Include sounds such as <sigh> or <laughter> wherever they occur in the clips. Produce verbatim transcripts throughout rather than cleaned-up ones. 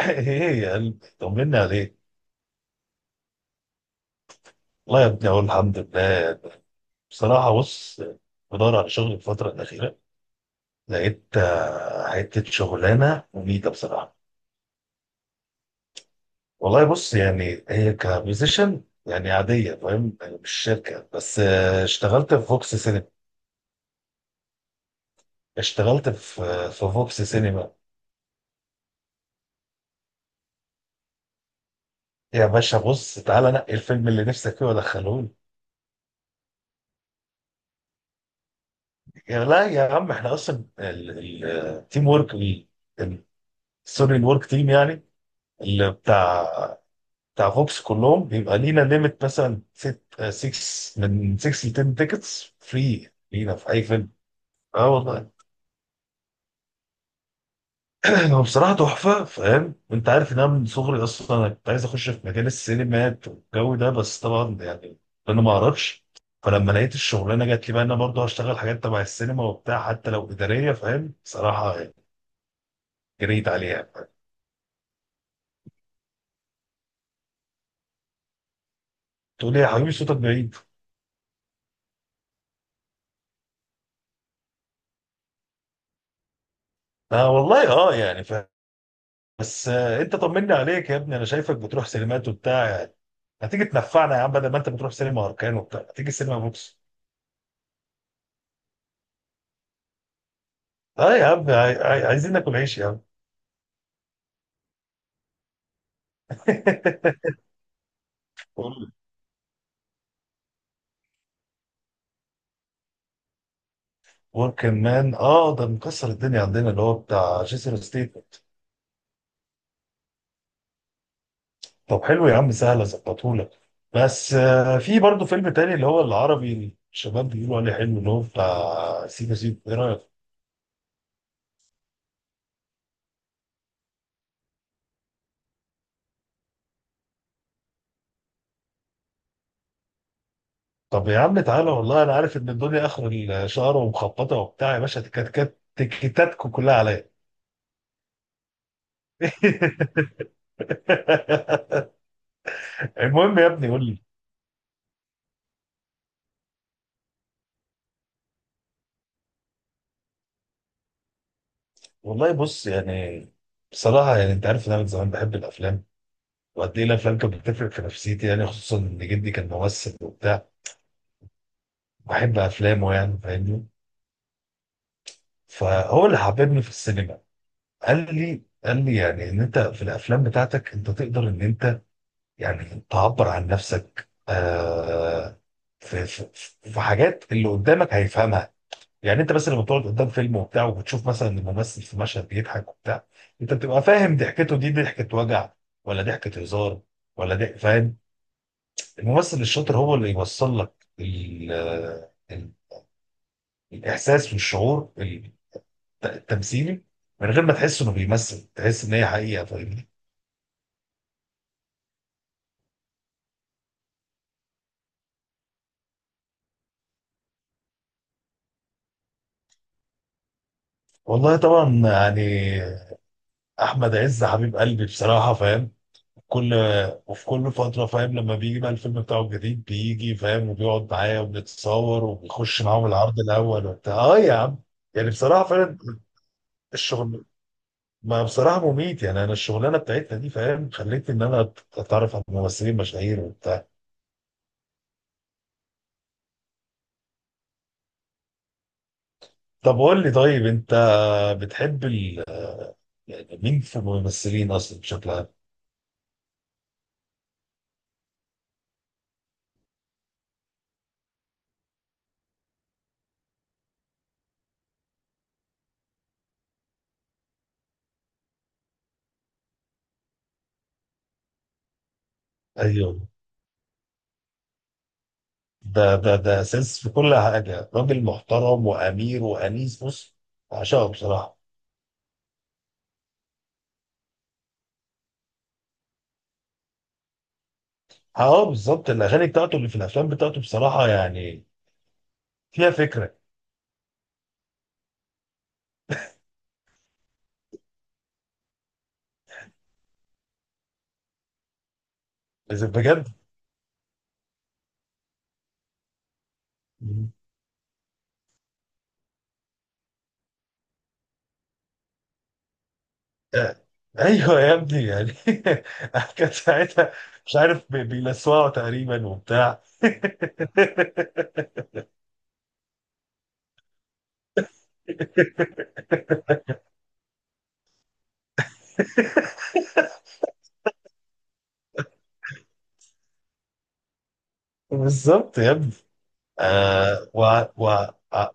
ايه يا قلبي طمني عليك. والله يا ابني اقول الحمد لله. بصراحه بص، بدور على شغل الفتره الاخيره. لقيت آه، حته شغلانه مميته بصراحه. والله بص يعني هي كبوزيشن يعني عاديه فاهم، يعني مش شركه، بس آه، اشتغلت في فوكس سينما. اشتغلت في في فوكس سينما. يا باشا بص، تعالى نقي الفيلم اللي نفسك فيه وادخله لي. يا لا يا عم احنا اصلا التيم ورك، سوري الورك تيم يعني، اللي بتاع بتاع فوكس كلهم بيبقى لينا ليميت مثلا ستة ستة، من ستة ل عشرة تيكتس فري لينا في اي فيلم. اه والله. <clears throat> هو بصراحه تحفه فاهم، وانت عارف ان انا من صغري اصلا انا كنت عايز اخش في مجال السينمات والجو ده، بس طبعا يعني انا ما اعرفش. فلما لقيت الشغلانه جات لي بقى ان انا برضه هشتغل حاجات تبع السينما وبتاع حتى لو اداريه فاهم، بصراحه يعني جريت عليها. تقول لي يا حبيبي صوتك بعيد. اه والله اه يعني فاهم. بس آه، انت طمني عليك يا ابني، انا شايفك بتروح سينمات وبتاع يعني. ما تيجي تنفعنا يا عم، بدل ما انت بتروح سينما اركان وبتاع، ما تيجي سينما بوكس. اه يا عم، عاي- عاي- عايزين ناكل عيش يا عم. <laughs> وركن مان، اه ده مكسر الدنيا عندنا، اللي هو بتاع جيسون ستيت. طب حلو يا عم، سهل اظبطهولك. بس آه، في برضه فيلم تاني اللي هو العربي اللي الشباب بيقولوا عليه حلو، اللي هو بتاع سيكو سيكو، ايه رايك؟ طب يا عم تعالى، والله انا عارف ان الدنيا اخر الشهر ومخبطه وبتاع، يا باشا تكات- كات- تكتاتكم كلها عليا. <laughs> المهم يا ابني قول لي. والله بص يعني، بصراحه يعني انت عارف ان انا من زمان بحب الافلام. وقد ايه الافلام كانت بتفرق في نفسيتي، يعني خصوصا ان جدي كان ممثل وبتاع. بحب افلامه يعني فاهمني. فهو اللي حببني في السينما. قال لي قال لي يعني ان انت في الافلام بتاعتك انت تقدر ان انت يعني تعبر عن نفسك. آه، في, في, في حاجات اللي قدامك هيفهمها. يعني انت بس لما بتقعد قدام فيلم وبتاع، وبتشوف مثلا الممثل في مشهد بيضحك وبتاع، انت بتبقى فاهم ضحكته دي ضحكه وجع، ولا ضحكه هزار، ولا ضحك فاهم. الممثل الشاطر هو اللي يوصل لك ال ال الاحساس والشعور الت- التمثيلي، من غير ما تحس انه بيمثل، تحس ان هي حقيقه فاهمني. والله طبعا يعني احمد عز حبيب قلبي بصراحه فاهم. كل وفي كل فترة فاهم لما بيجي بقى الفيلم بتاعه الجديد بيجي فاهم، وبيقعد معايا وبنتصور وبيخش معاهم العرض الأول وبتاع، اه يا عم. يعني بصراحة فعلا. الشغل، ما بصراحة مميت، يعني أنا الشغلانة بتاعتنا دي فاهم خلتني إن أنا أتعرف على ممثلين مشاهير وبتاع. طب قول لي، طيب أنت بتحب ال... يعني مين في الممثلين أصلا بشكل عام؟ أيوه. ده ده ده أساس في كل حاجة، راجل محترم وأمير وأنيس، بص بعشقه بصراحة. اه بالظبط، الاغاني بتاعته اللي في الافلام بتاعته بصراحه يعني فيها فكره. إذا بجد. مم. آه، ايوه يا ابني يعني. <laughs> كان ساعتها مش عارف بي- بيلسوعوا تقريبا وبتاع. <laughs> بالظبط يا ابني. آه و... و... آه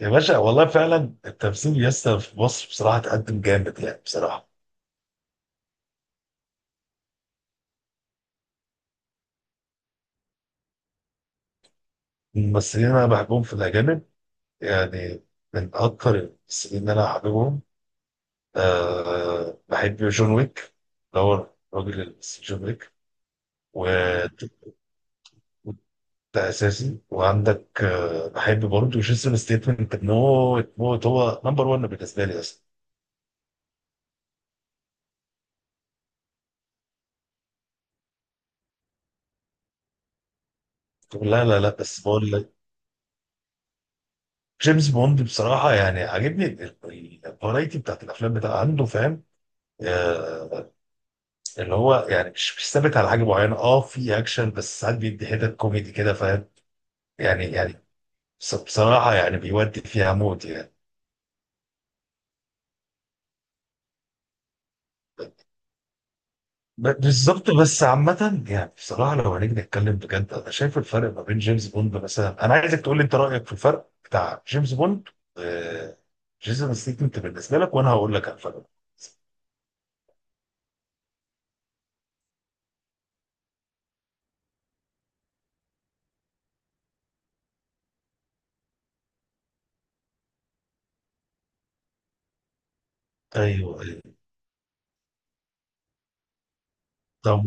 يا باشا، والله فعلا التمثيل يسطا في مصر بصراحه تقدم جامد، يعني بصراحه. الممثلين اللي انا بحبهم في الاجانب، يعني من اكتر الممثلين اللي انا حاببهم، أه بحب جون ويك، اللي هو الراجل اللي مثل جون ويك. و- ده أساسي. وعندك أه بحب برضه جيسون ستيتمنت، أنت موت موت هو نمبر واحد بالنسبة لي أصلا. لا لا لا بس بقول لك، جيمس بوند بصراحة يعني عاجبني الفرايتي بتاعت الأفلام بتاع عنده فاهم. أه، اللي هو يعني مش مش ثابت على حاجة معينة، أه في أكشن بس ساعات بيدي حتت كوميدي كده فاهم. يعني يعني بص- بصراحة يعني بيودي فيها موت يعني. ب- بالظبط. بس عامة يعني بصراحة لو هنيجي نتكلم بجد، أنا شايف الفرق ما بين جيمس بوند مثلا، أنا عايزك تقول لي أنت رأيك في الفرق بتاع جيمس بوند، آه، جيسون ستيتم بالنسبة لك، وأنا هقول لك على الفرق. أيوه أيوه. طب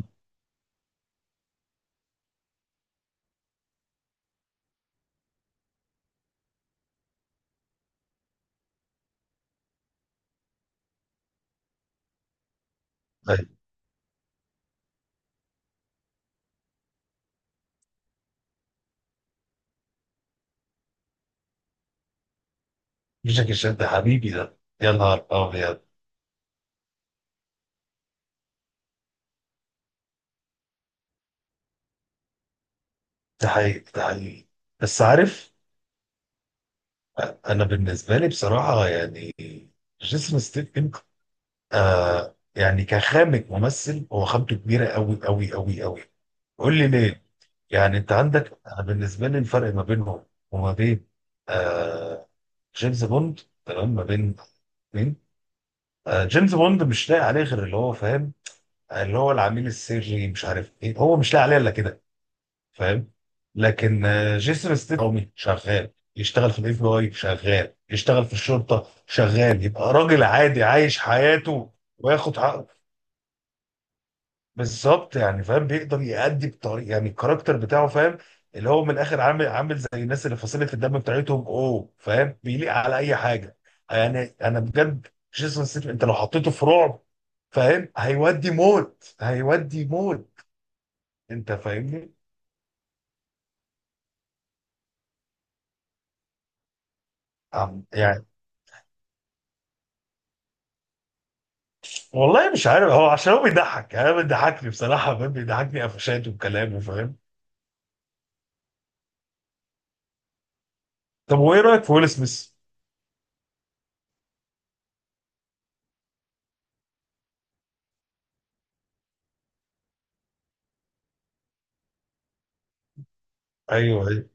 أيوه، جاكي شان ده حبيبي، ده يا نهار أبيض. ده حقيقي ده حقيقي. بس عارف، أ- أنا بالنسبة لي بصراحة يعني، جيسون ستيتم آه، يعني كخامة ممثل هو خامته كبيرة أوي أوي أوي أوي. قول لي ليه. يعني انت عندك، انا بالنسبه لي الفرق ما بينهم، وما بين آه جيمس بوند، تمام، ما بين مين، آه جيمس بوند مش لاقي عليه غير اللي هو فاهم، اللي هو العميل السري مش عارف ايه، هو مش لاقي عليه الا كده فاهم. لكن آه جيسون ستيتهم شغال، يشتغل في الاف بي اي، شغال يشتغل في الشرطه، شغال يبقى راجل عادي عايش حياته وياخد حقه. بالظبط يعني فاهم، بيقدر يأدي بطريقه يعني الكاركتر بتاعه فاهم. اللي هو من الاخر عامل عامل زي الناس اللي فصيله الدم بتاعتهم اوه فاهم، بيليق على اي حاجه. يعني انا بجد، جيسون ستيتم انت لو حطيته في رعب فاهم هيودي موت هيودي موت. انت فاهمني. أم- يعني والله مش عارف، هو عشان هو بيضحك يعني أنا بيضحكني بصراحه فاهم، بيضحكني قفشاته وكلامه فاهم. طب وايه رايك في ويل سميث؟ ايوه ايوه.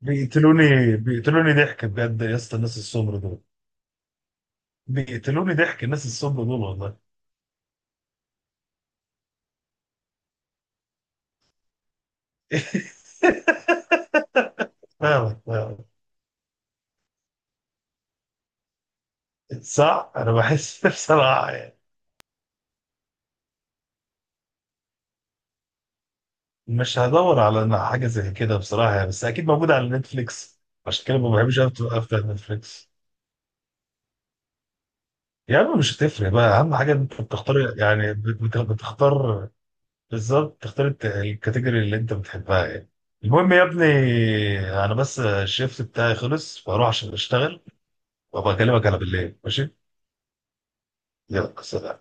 بيقتلوني بيقتلوني ضحك بجد يا اسطى، الناس السمر دول بيقتلوني ضحك، الناس الصم دول والله. <laughs> فعلا فعلا. صح انا بحس. <laughs> بصراحه يعني مش هدور على حاجه زي كده بصراحه يعني، بس اكيد موجوده على نتفليكس. عشان كده ما بحبش أفت- افتح نتفليكس. يا عم مش هتفرق بقى، اهم حاجه إن انت بتختار يعني، بت- بت- بتختار. بالظبط، تختار الت- الكاتيجوري اللي انت بتحبها يعني. المهم يا ابني، انا بس الشيفت بتاعي خلص فاروح عشان اشتغل، وابقى اكلمك على بالليل ماشي. يلا سلام.